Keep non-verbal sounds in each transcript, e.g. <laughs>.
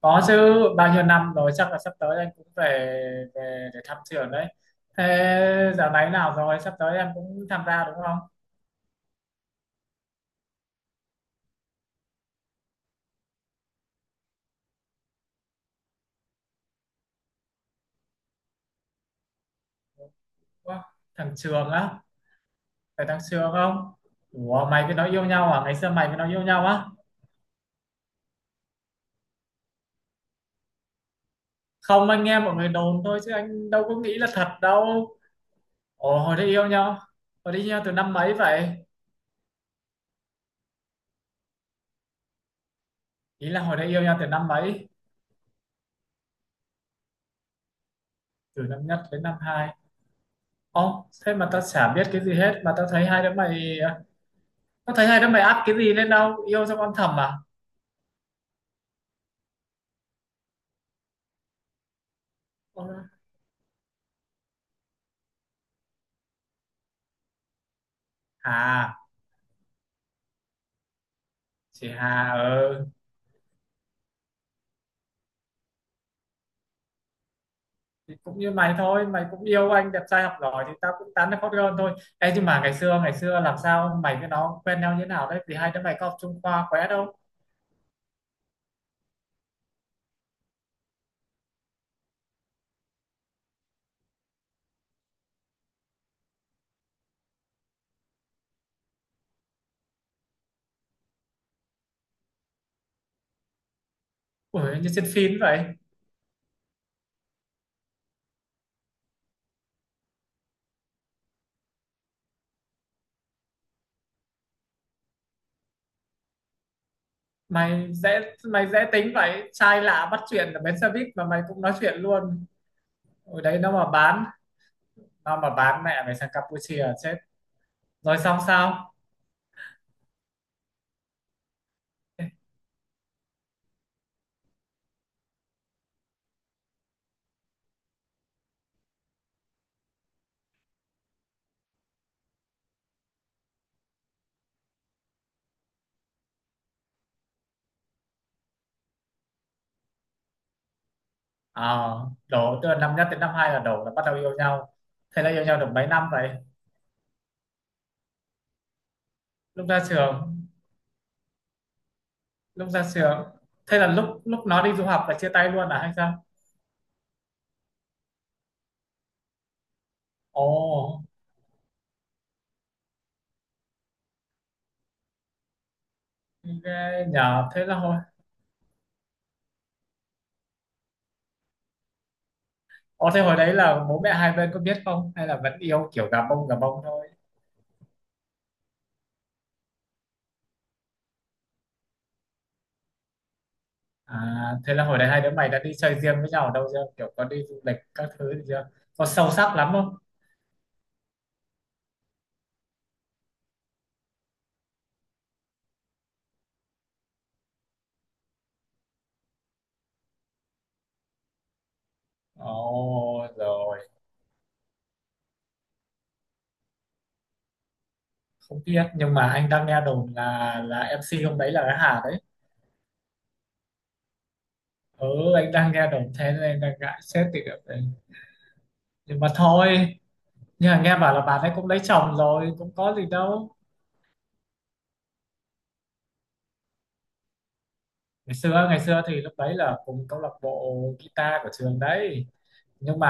Có chứ, bao nhiêu năm rồi chắc là sắp tới anh cũng về về để thăm trường đấy. Thế dạo này nào rồi, sắp tới em cũng tham gia đúng không? Ủa, thằng trường á, phải thằng trường không? Ủa, mày với nó yêu nhau à? Ngày xưa mày với nó yêu nhau á? Không, anh nghe mọi người đồn thôi chứ anh đâu có nghĩ là thật đâu. Ồ, hồi đấy yêu nhau từ năm mấy vậy? Ý là hồi đấy yêu nhau từ năm mấy? Từ năm nhất đến năm hai. Ồ, thế mà tao chả biết cái gì hết, mà tao thấy hai đứa mày à, có thấy hai đứa mày up cái gì lên đâu, yêu xong âm thầm à? Ôi, Hà chị Hà, ừ, thì cũng như mày thôi, mày cũng yêu anh đẹp trai học giỏi thì tao cũng tán được hot girl thôi. Ê, nhưng mà ngày xưa làm sao mày với nó quen nhau như thế nào đấy, vì hai đứa mày có học chung khoa quá đâu? Ủa như trên phim vậy. Mày dễ tính vậy, trai lạ bắt chuyện ở bến xe buýt mà mày cũng nói chuyện luôn. Ở đấy nó mà bán mẹ mày sang Campuchia là chết. Rồi xong sao? Ờ, đổ tức là năm nhất đến năm hai là đổ, là bắt đầu yêu nhau. Thế là yêu nhau được mấy năm vậy? Lúc ra trường lúc ra trường, thế là lúc lúc nó đi du học là chia tay luôn à hay sao? Ồ, ghê nhờ. Thế là hồi Ồ, thế hồi đấy là bố mẹ hai bên có biết không, hay là vẫn yêu kiểu gà bông thôi? À, thế là hồi đấy hai đứa mày đã đi chơi riêng với nhau ở đâu chưa, kiểu có đi du lịch các thứ gì chưa? Có sâu sắc lắm không? Ồ, rồi. Không biết, nhưng mà anh đang nghe đồn là MC hôm đấy là cái Hà đấy, ừ, anh đang nghe đồng thế nên anh đang ngại xét thì được đấy. Nhưng mà thôi, nhưng mà nghe bảo là bạn ấy cũng lấy chồng rồi, cũng có gì đâu. Ngày xưa thì lúc đấy là cùng câu lạc bộ guitar của trường đấy, nhưng mà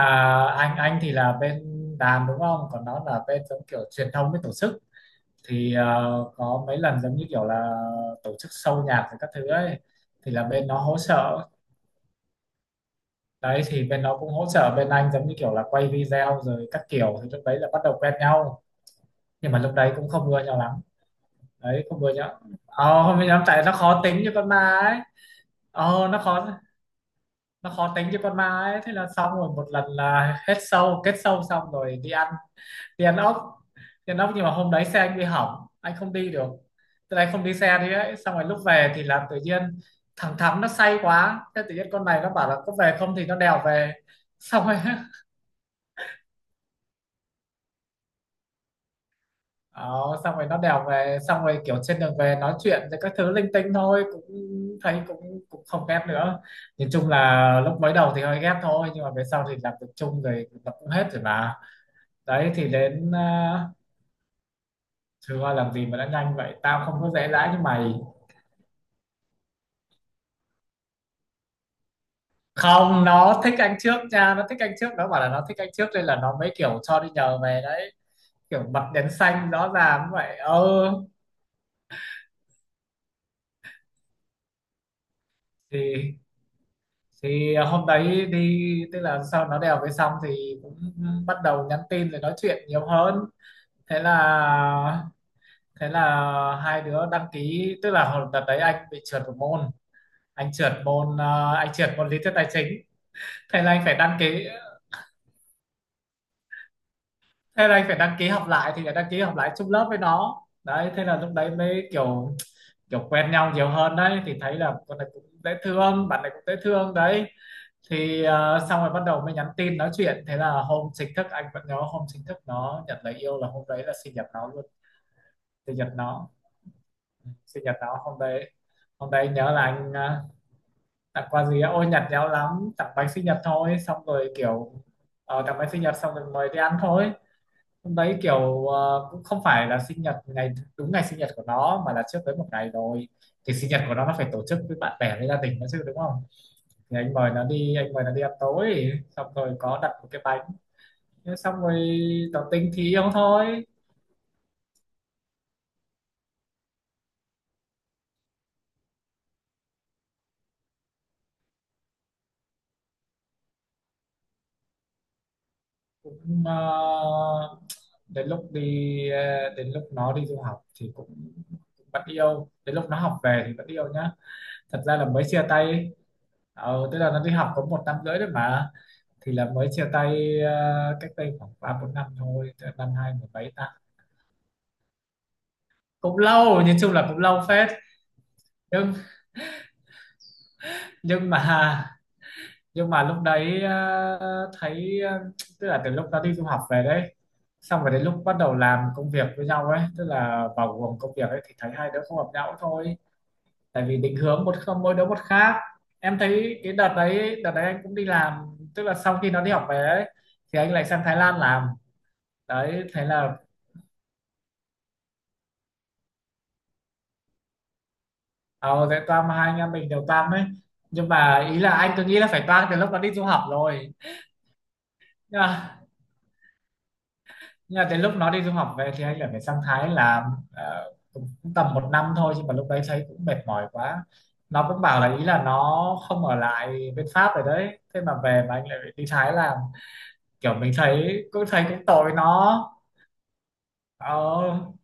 anh thì là bên đàn đúng không, còn nó là bên giống kiểu truyền thông với tổ chức. Thì có mấy lần giống như kiểu là tổ chức show nhạc và các thứ ấy, thì là bên nó hỗ trợ. Đấy, thì bên nó cũng hỗ trợ bên anh giống như kiểu là quay video rồi các kiểu, thì lúc đấy là bắt đầu quen nhau. Nhưng mà lúc đấy cũng không ưa nhau lắm. Đấy, không ưa nhau. Không ưa nhau tại nó khó tính như con ma ấy. ờ nó khó nó khó tính như con ma ấy. Thế là xong rồi một lần là hết sâu kết sâu xong rồi đi ăn, đi ăn ốc đi ăn ốc nhưng mà hôm đấy xe anh bị hỏng, anh không đi được, từ đây không đi xe đi ấy. Xong rồi lúc về thì là tự nhiên thằng Thắm nó say quá, thế tự nhiên con này nó bảo là có về không, thì nó đèo về. Xong rồi <laughs> Đó, xong rồi nó đèo về, xong rồi kiểu trên đường về nói chuyện rồi các thứ linh tinh thôi, cũng thấy cũng cũng không ghét nữa. Nhìn chung là lúc mới đầu thì hơi ghét thôi, nhưng mà về sau thì làm việc chung rồi nó cũng hết rồi mà. Đấy, thì đến thưa, làm gì mà đã nhanh vậy, tao không có dễ dãi như mày. Không, nó thích anh trước nha, nó thích anh trước, nó bảo là nó thích anh trước nên là nó mới kiểu cho đi nhờ về đấy, kiểu bật đèn xanh rõ ràng vậy, ừ. Thì thì à, hôm đấy đi tức là sau nó đèo về xong thì cũng bắt đầu nhắn tin rồi nói chuyện nhiều hơn. Thế là thế là hai đứa đăng ký, tức là hồi đợt đấy anh bị trượt một môn, anh trượt môn lý thuyết tài chính. Thế là anh phải đăng ký thế là anh phải đăng ký học lại, thì phải đăng ký học lại chung lớp với nó đấy, thế là lúc đấy mới kiểu kiểu quen nhau nhiều hơn đấy, thì thấy là con này cũng dễ thương, bạn này cũng dễ thương đấy. Thì xong rồi bắt đầu mới nhắn tin nói chuyện, thế là hôm chính thức, anh vẫn nhớ hôm chính thức nó nhận lời yêu là hôm đấy là sinh nhật nó luôn. Sinh nhật nó sinh nhật nó hôm đấy. Hôm đấy nhớ là anh tặng quà gì á? Ôi nhặt nhẽo lắm, tặng bánh sinh nhật thôi, xong rồi kiểu tặng bánh sinh nhật xong rồi mời đi ăn thôi. Hôm đấy kiểu cũng không phải là sinh nhật ngày đúng ngày sinh nhật của nó, mà là trước đấy một ngày rồi. Thì sinh nhật của nó phải tổ chức với bạn bè với gia đình nó chứ, đúng không? Thì anh mời nó đi ăn tối, xong rồi có đặt một cái bánh. Thế xong rồi tỏ tình thì yêu thôi. Cũng đến lúc đi đến lúc nó đi du học thì cũng vẫn yêu, đến lúc nó học về thì vẫn yêu nhá, thật ra là mới chia tay ấy. Tức là nó đi học có 1,5 năm đấy mà, thì là mới chia tay, cách đây khoảng ba bốn năm thôi, tức là năm hai mười bảy ta. Cũng lâu, nhìn chung là cũng lâu phết. Nhưng nhưng mà nhưng mà lúc đấy thấy, tức là từ lúc nó đi du học về đấy, xong rồi đến lúc bắt đầu làm công việc với nhau ấy, tức là vào guồng công việc ấy thì thấy hai đứa không hợp nhau thôi. Tại vì định hướng một không mỗi đứa một khác. Em thấy cái đợt đấy anh cũng đi làm, tức là sau khi nó đi học về ấy thì anh lại sang Thái Lan làm. Đấy, thế là ờ thế Toan, hai anh em mình đều Toan ấy. Nhưng mà ý là anh cứ nghĩ là phải Toan từ lúc nó đi du học rồi. Nhưng mà Nhưng mà tới lúc nó đi du học về thì anh lại phải sang Thái làm. Cũng, tầm một năm thôi, nhưng mà lúc đấy thấy cũng mệt mỏi quá. Nó cũng bảo là, ý là nó không ở lại bên Pháp rồi đấy, thế mà về mà anh lại phải đi Thái làm, kiểu mình thấy cũng tội nó. ờ,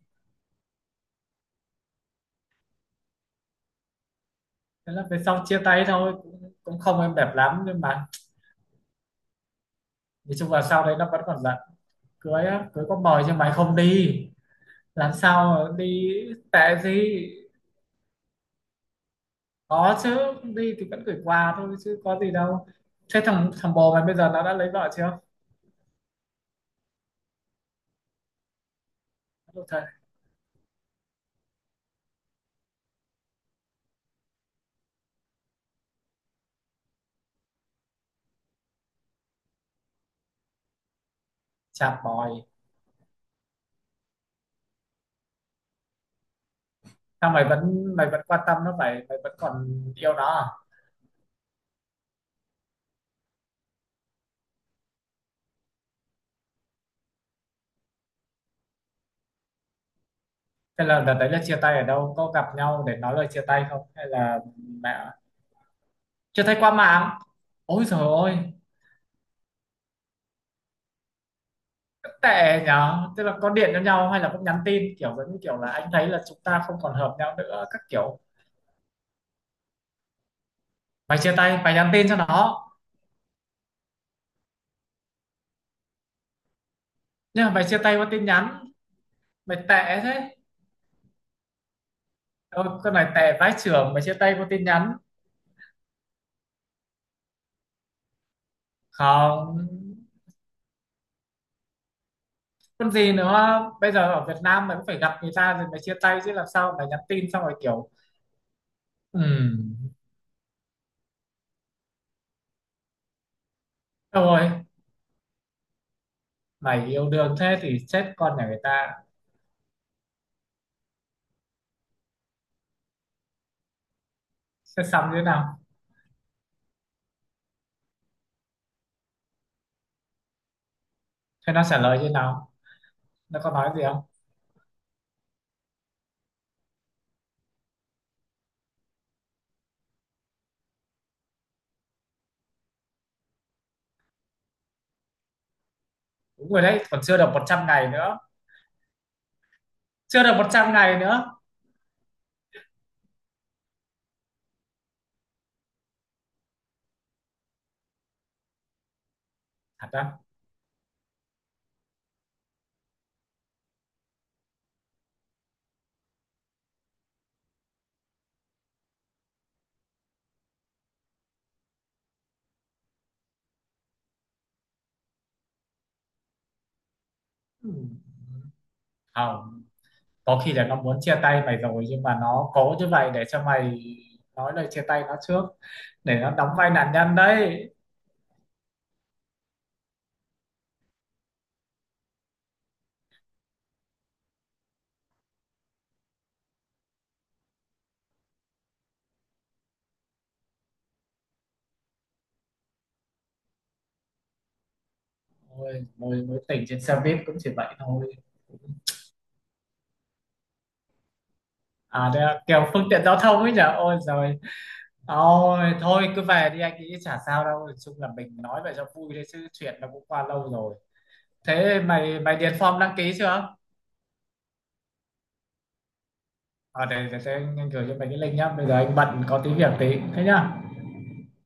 Thế là về sau chia tay thôi, cũng không êm đẹp lắm, nhưng mà nói chung là sau đấy nó vẫn còn giận. Cưới á, cưới có mời nhưng mày không đi, làm sao mà đi. Tệ gì, có chứ, đi thì vẫn gửi quà thôi chứ có gì đâu. Thế thằng thằng bồ mày bây giờ nó đã lấy vợ chưa? Ôi trời, chà bòi, sao mày vẫn quan tâm nó vậy, mày vẫn còn yêu nó à? Thế là đợt đấy là chia tay ở đâu, có gặp nhau để nói lời chia tay không hay là? Mẹ, chia tay qua mạng, ôi trời ơi, rất tệ nhở. Tức là có điện cho nhau hay là cũng nhắn tin kiểu giống như kiểu là anh thấy là chúng ta không còn hợp nhau nữa các kiểu? Mày chia tay mày nhắn tin cho nó? Nhưng mà mày chia tay qua tin nhắn, mày tệ thế. Ơ, con này tè vãi chưởng mà chia tay có tin nhắn? Không, con gì nữa, bây giờ ở Việt Nam mày cũng phải gặp người ta rồi mày chia tay chứ, làm sao mày nhắn tin xong rồi kiểu ừm thôi rồi, mày yêu đương thế thì chết con nhà người ta. Sẽ xong như thế nào? Thế nó trả lời như thế nào, nó có nói gì không? Đúng rồi đấy, còn chưa được 100 ngày nữa, chưa được 100 ngày nữa, thật á? Ừm, không, có khi là nó muốn chia tay mày rồi nhưng mà nó cố như vậy để cho mày nói lời chia tay nó trước, để nó đóng vai nạn nhân đấy. Ôi, mối mối tình trên xe buýt cũng chỉ vậy thôi. À đây là kiểu phương tiện giao thông ấy nhở, ôi rồi. Ôi thôi cứ về đi, anh nghĩ chả sao đâu. Nói chung là mình nói vậy cho vui đấy chứ chuyện nó cũng qua lâu rồi. Thế mày mày điền form đăng ký chưa? Để anh gửi cho mày cái link nhá, bây giờ anh bận có tí việc tí thế nhá.